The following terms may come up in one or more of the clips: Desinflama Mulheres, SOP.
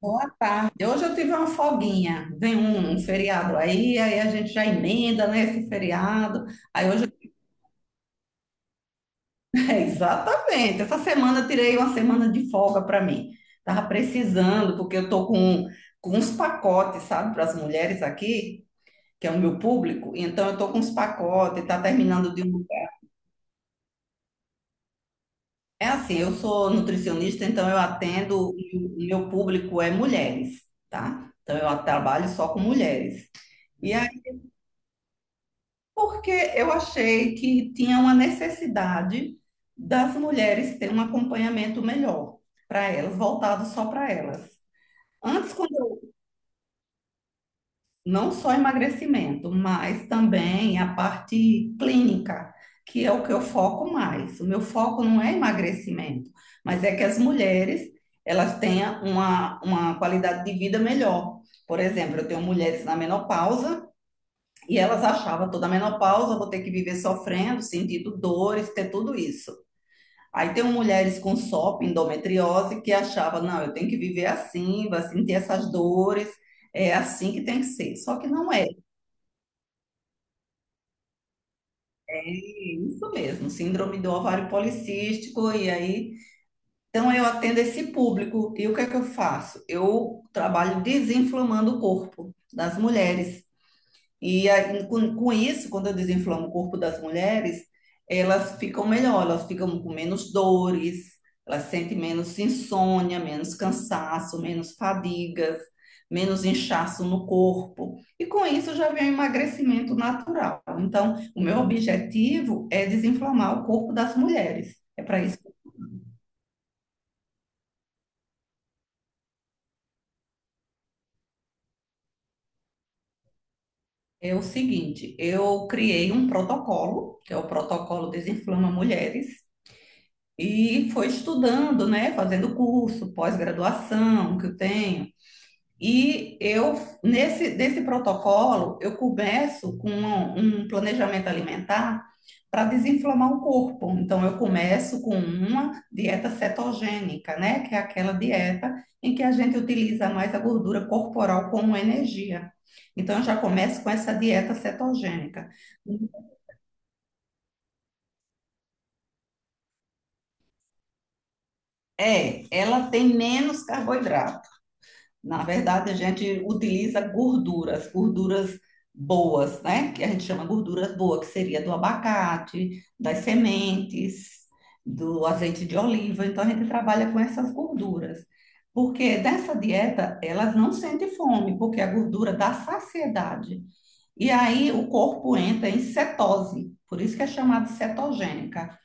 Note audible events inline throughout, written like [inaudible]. Boa tarde. Hoje eu tive uma folguinha. Vem um feriado aí a gente já emenda, né, esse feriado. Aí hoje, [laughs] é, exatamente. Essa semana eu tirei uma semana de folga para mim. Tava precisando, porque eu tô com uns pacotes, sabe, para as mulheres aqui, que é o meu público. Então eu tô com uns pacotes, tá terminando de um. É assim, eu sou nutricionista, então eu atendo e o meu público é mulheres, tá? Então eu trabalho só com mulheres. E porque eu achei que tinha uma necessidade das mulheres ter um acompanhamento melhor para elas, voltado só para elas. Antes, quando eu, não só emagrecimento, mas também a parte clínica, que é o que eu foco mais. O meu foco não é emagrecimento, mas é que as mulheres elas tenham uma qualidade de vida melhor. Por exemplo, eu tenho mulheres na menopausa. E elas achavam toda a menopausa, vou ter que viver sofrendo, sentindo dores, ter tudo isso. Aí tem mulheres com SOP, endometriose, que achavam, não, eu tenho que viver assim, vai sentir essas dores, é assim que tem que ser. Só que não é. É, isso mesmo, síndrome do ovário policístico, e aí. Então eu atendo esse público. E o que é que eu faço? Eu trabalho desinflamando o corpo das mulheres. E aí, com isso, quando eu desinflamo o corpo das mulheres, elas ficam melhor, elas ficam com menos dores, elas sentem menos insônia, menos cansaço, menos fadigas, menos inchaço no corpo. E com isso já vem o emagrecimento natural. Então, o meu objetivo é desinflamar o corpo das mulheres. É para isso que é o seguinte, eu criei um protocolo, que é o protocolo Desinflama Mulheres. E foi estudando, né? Fazendo curso, pós-graduação que eu tenho. E eu, nesse protocolo, eu começo com um planejamento alimentar para desinflamar o corpo. Então, eu começo com uma dieta cetogênica, né? Que é aquela dieta em que a gente utiliza mais a gordura corporal como energia. Então, eu já começo com essa dieta cetogênica. É, ela tem menos carboidrato. Na verdade, a gente utiliza gorduras, gorduras boas, né? Que a gente chama gorduras boas, que seria do abacate, das sementes, do azeite de oliva. Então, a gente trabalha com essas gorduras. Porque dessa dieta, elas não sentem fome, porque a gordura dá saciedade. E aí, o corpo entra em cetose. Por isso que é chamada cetogênica.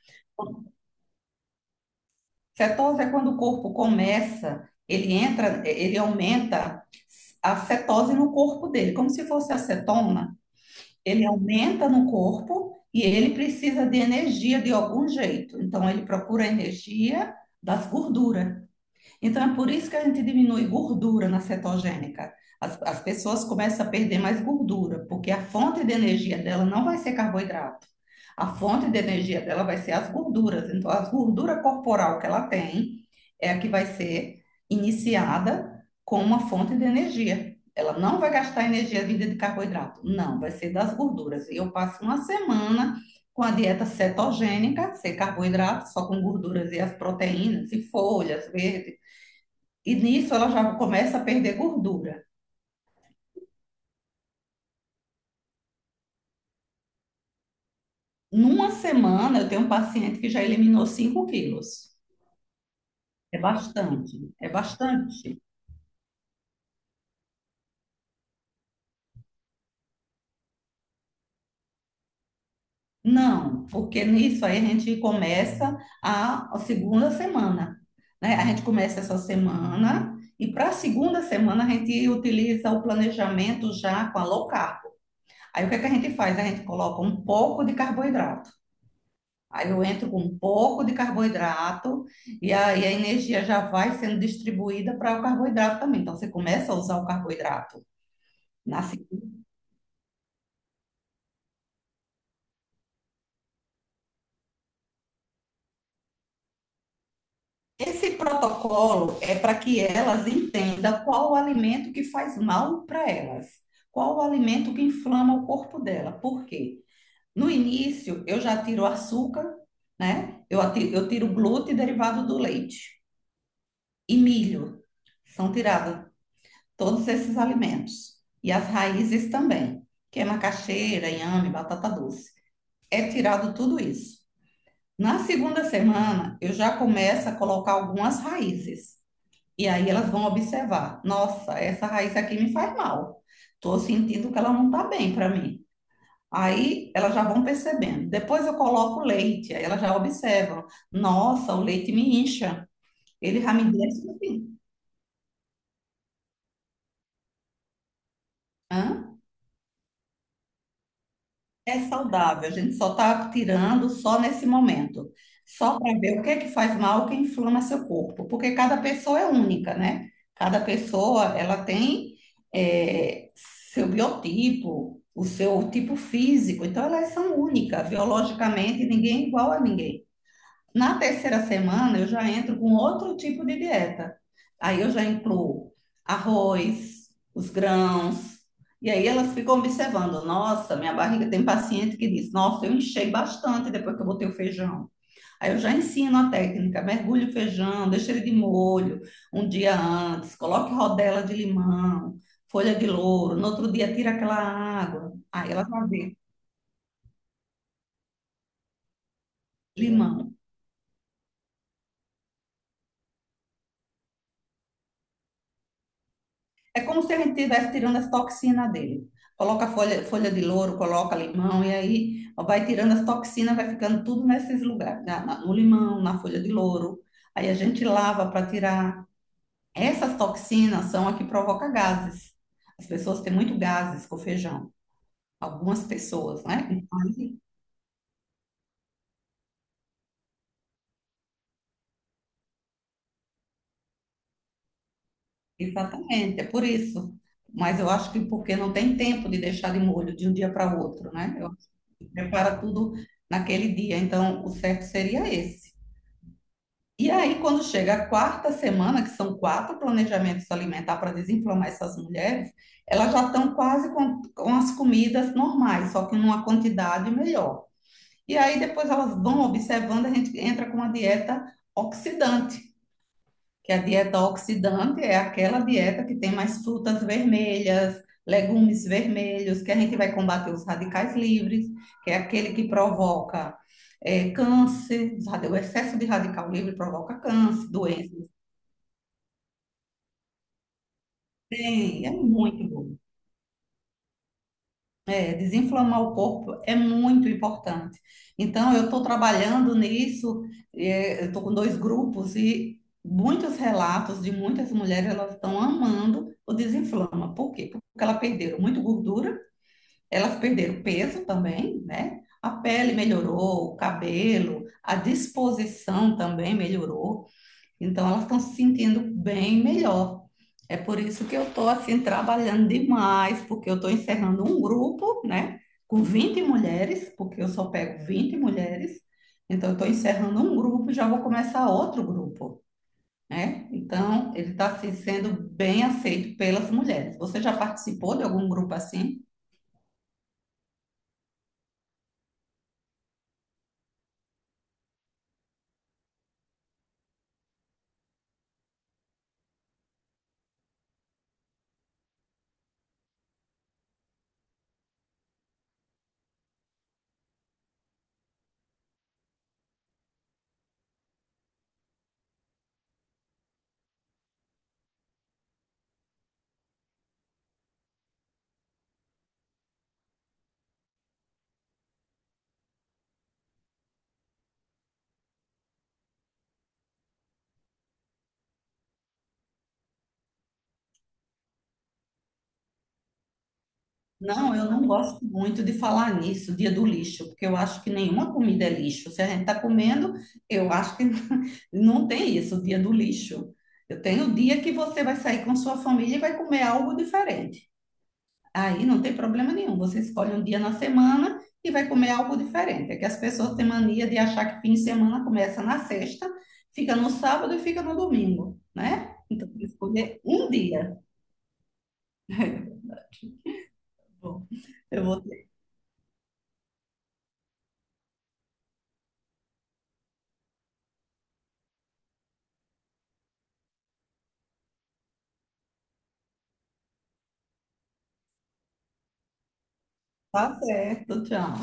Cetose é quando o corpo começa, ele entra, ele aumenta a cetose no corpo dele, como se fosse acetona, ele aumenta no corpo e ele precisa de energia de algum jeito. Então ele procura a energia das gorduras. Então, é por isso que a gente diminui gordura na cetogênica. As pessoas começam a perder mais gordura, porque a fonte de energia dela não vai ser carboidrato. A fonte de energia dela vai ser as gorduras. Então, a gordura corporal que ela tem é a que vai ser iniciada com uma fonte de energia. Ela não vai gastar energia vinda de carboidrato. Não, vai ser das gorduras. E eu passo uma semana com a dieta cetogênica, sem carboidrato, só com gorduras e as proteínas, e folhas, verde, e nisso ela já começa a perder gordura. Numa semana, eu tenho um paciente que já eliminou 5 quilos. É bastante, é bastante. Não, porque nisso aí a gente começa a segunda semana, né? A gente começa essa semana e para a segunda semana a gente utiliza o planejamento já com a low carb. Aí o que é que a gente faz? A gente coloca um pouco de carboidrato. Aí eu entro com um pouco de carboidrato e aí a energia já vai sendo distribuída para o carboidrato também. Então você começa a usar o carboidrato na sequência. Esse protocolo é para que elas entendam qual o alimento que faz mal para elas, qual o alimento que inflama o corpo dela. Por quê? No início eu já tiro açúcar, né? Eu tiro glúten derivado do leite e milho, são tirados todos esses alimentos e as raízes também, que é macaxeira, inhame, batata doce. É tirado tudo isso. Na segunda semana, eu já começo a colocar algumas raízes. E aí elas vão observar: nossa, essa raiz aqui me faz mal. Estou sentindo que ela não está bem para mim. Aí elas já vão percebendo. Depois eu coloco o leite, aí elas já observam: nossa, o leite me incha. Ele já me deixa assim. Hã? É saudável, a gente só está tirando só nesse momento, só para ver o que é que faz mal, o que inflama seu corpo, porque cada pessoa é única, né? Cada pessoa, ela tem seu biotipo, o seu tipo físico, então elas são únicas, biologicamente ninguém é igual a ninguém. Na terceira semana, eu já entro com outro tipo de dieta. Aí eu já incluo arroz, os grãos. E aí elas ficam observando. Nossa, minha barriga, tem paciente que diz: nossa, eu enchei bastante depois que eu botei o feijão. Aí eu já ensino a técnica: mergulhe o feijão, deixa ele de molho um dia antes, coloque rodela de limão, folha de louro. No outro dia, tira aquela água. Aí ela já vê: é. Limão. É como se a gente estivesse tirando as toxinas dele. Coloca folha, folha de louro, coloca limão, e aí vai tirando as toxinas, vai ficando tudo nesses lugares, no limão, na folha de louro. Aí a gente lava para tirar. Essas toxinas são a que provoca gases. As pessoas têm muito gases com feijão. Algumas pessoas, né? Então, exatamente, é por isso. Mas eu acho que porque não tem tempo de deixar de molho de um dia para outro, né? Eu acho que prepara tudo naquele dia. Então, o certo seria esse. E aí, quando chega a quarta semana, que são quatro planejamentos alimentar para desinflamar essas mulheres, elas já estão quase com as comidas normais, só que numa quantidade melhor. E aí, depois elas vão observando, a gente entra com uma dieta oxidante, que a dieta oxidante é aquela dieta que tem mais frutas vermelhas, legumes vermelhos, que a gente vai combater os radicais livres, que é aquele que provoca câncer, os o excesso de radical livre provoca câncer, doenças. Tem, é muito bom. É, desinflamar o corpo é muito importante. Então, eu estou trabalhando nisso, é, estou com 2 grupos e muitos relatos de muitas mulheres, elas estão amando o desinflama. Por quê? Porque elas perderam muito gordura, elas perderam peso também, né? A pele melhorou, o cabelo, a disposição também melhorou. Então elas estão se sentindo bem melhor. É por isso que eu estou assim trabalhando demais, porque eu estou encerrando um grupo, né, com 20 mulheres, porque eu só pego 20 mulheres. Então eu estou encerrando um grupo e já vou começar outro grupo, né? Então ele está assim, sendo bem aceito pelas mulheres. Você já participou de algum grupo assim? Não, eu não gosto muito de falar nisso, dia do lixo, porque eu acho que nenhuma comida é lixo. Se a gente está comendo, eu acho que [laughs] não tem isso, dia do lixo. Eu tenho o dia que você vai sair com sua família e vai comer algo diferente. Aí não tem problema nenhum. Você escolhe um dia na semana e vai comer algo diferente. É que as pessoas têm mania de achar que fim de semana começa na sexta, fica no sábado e fica no domingo, né? Então, tem que escolher um dia. [laughs] É verdade. Bom, eu vou. Tá certo, tchau.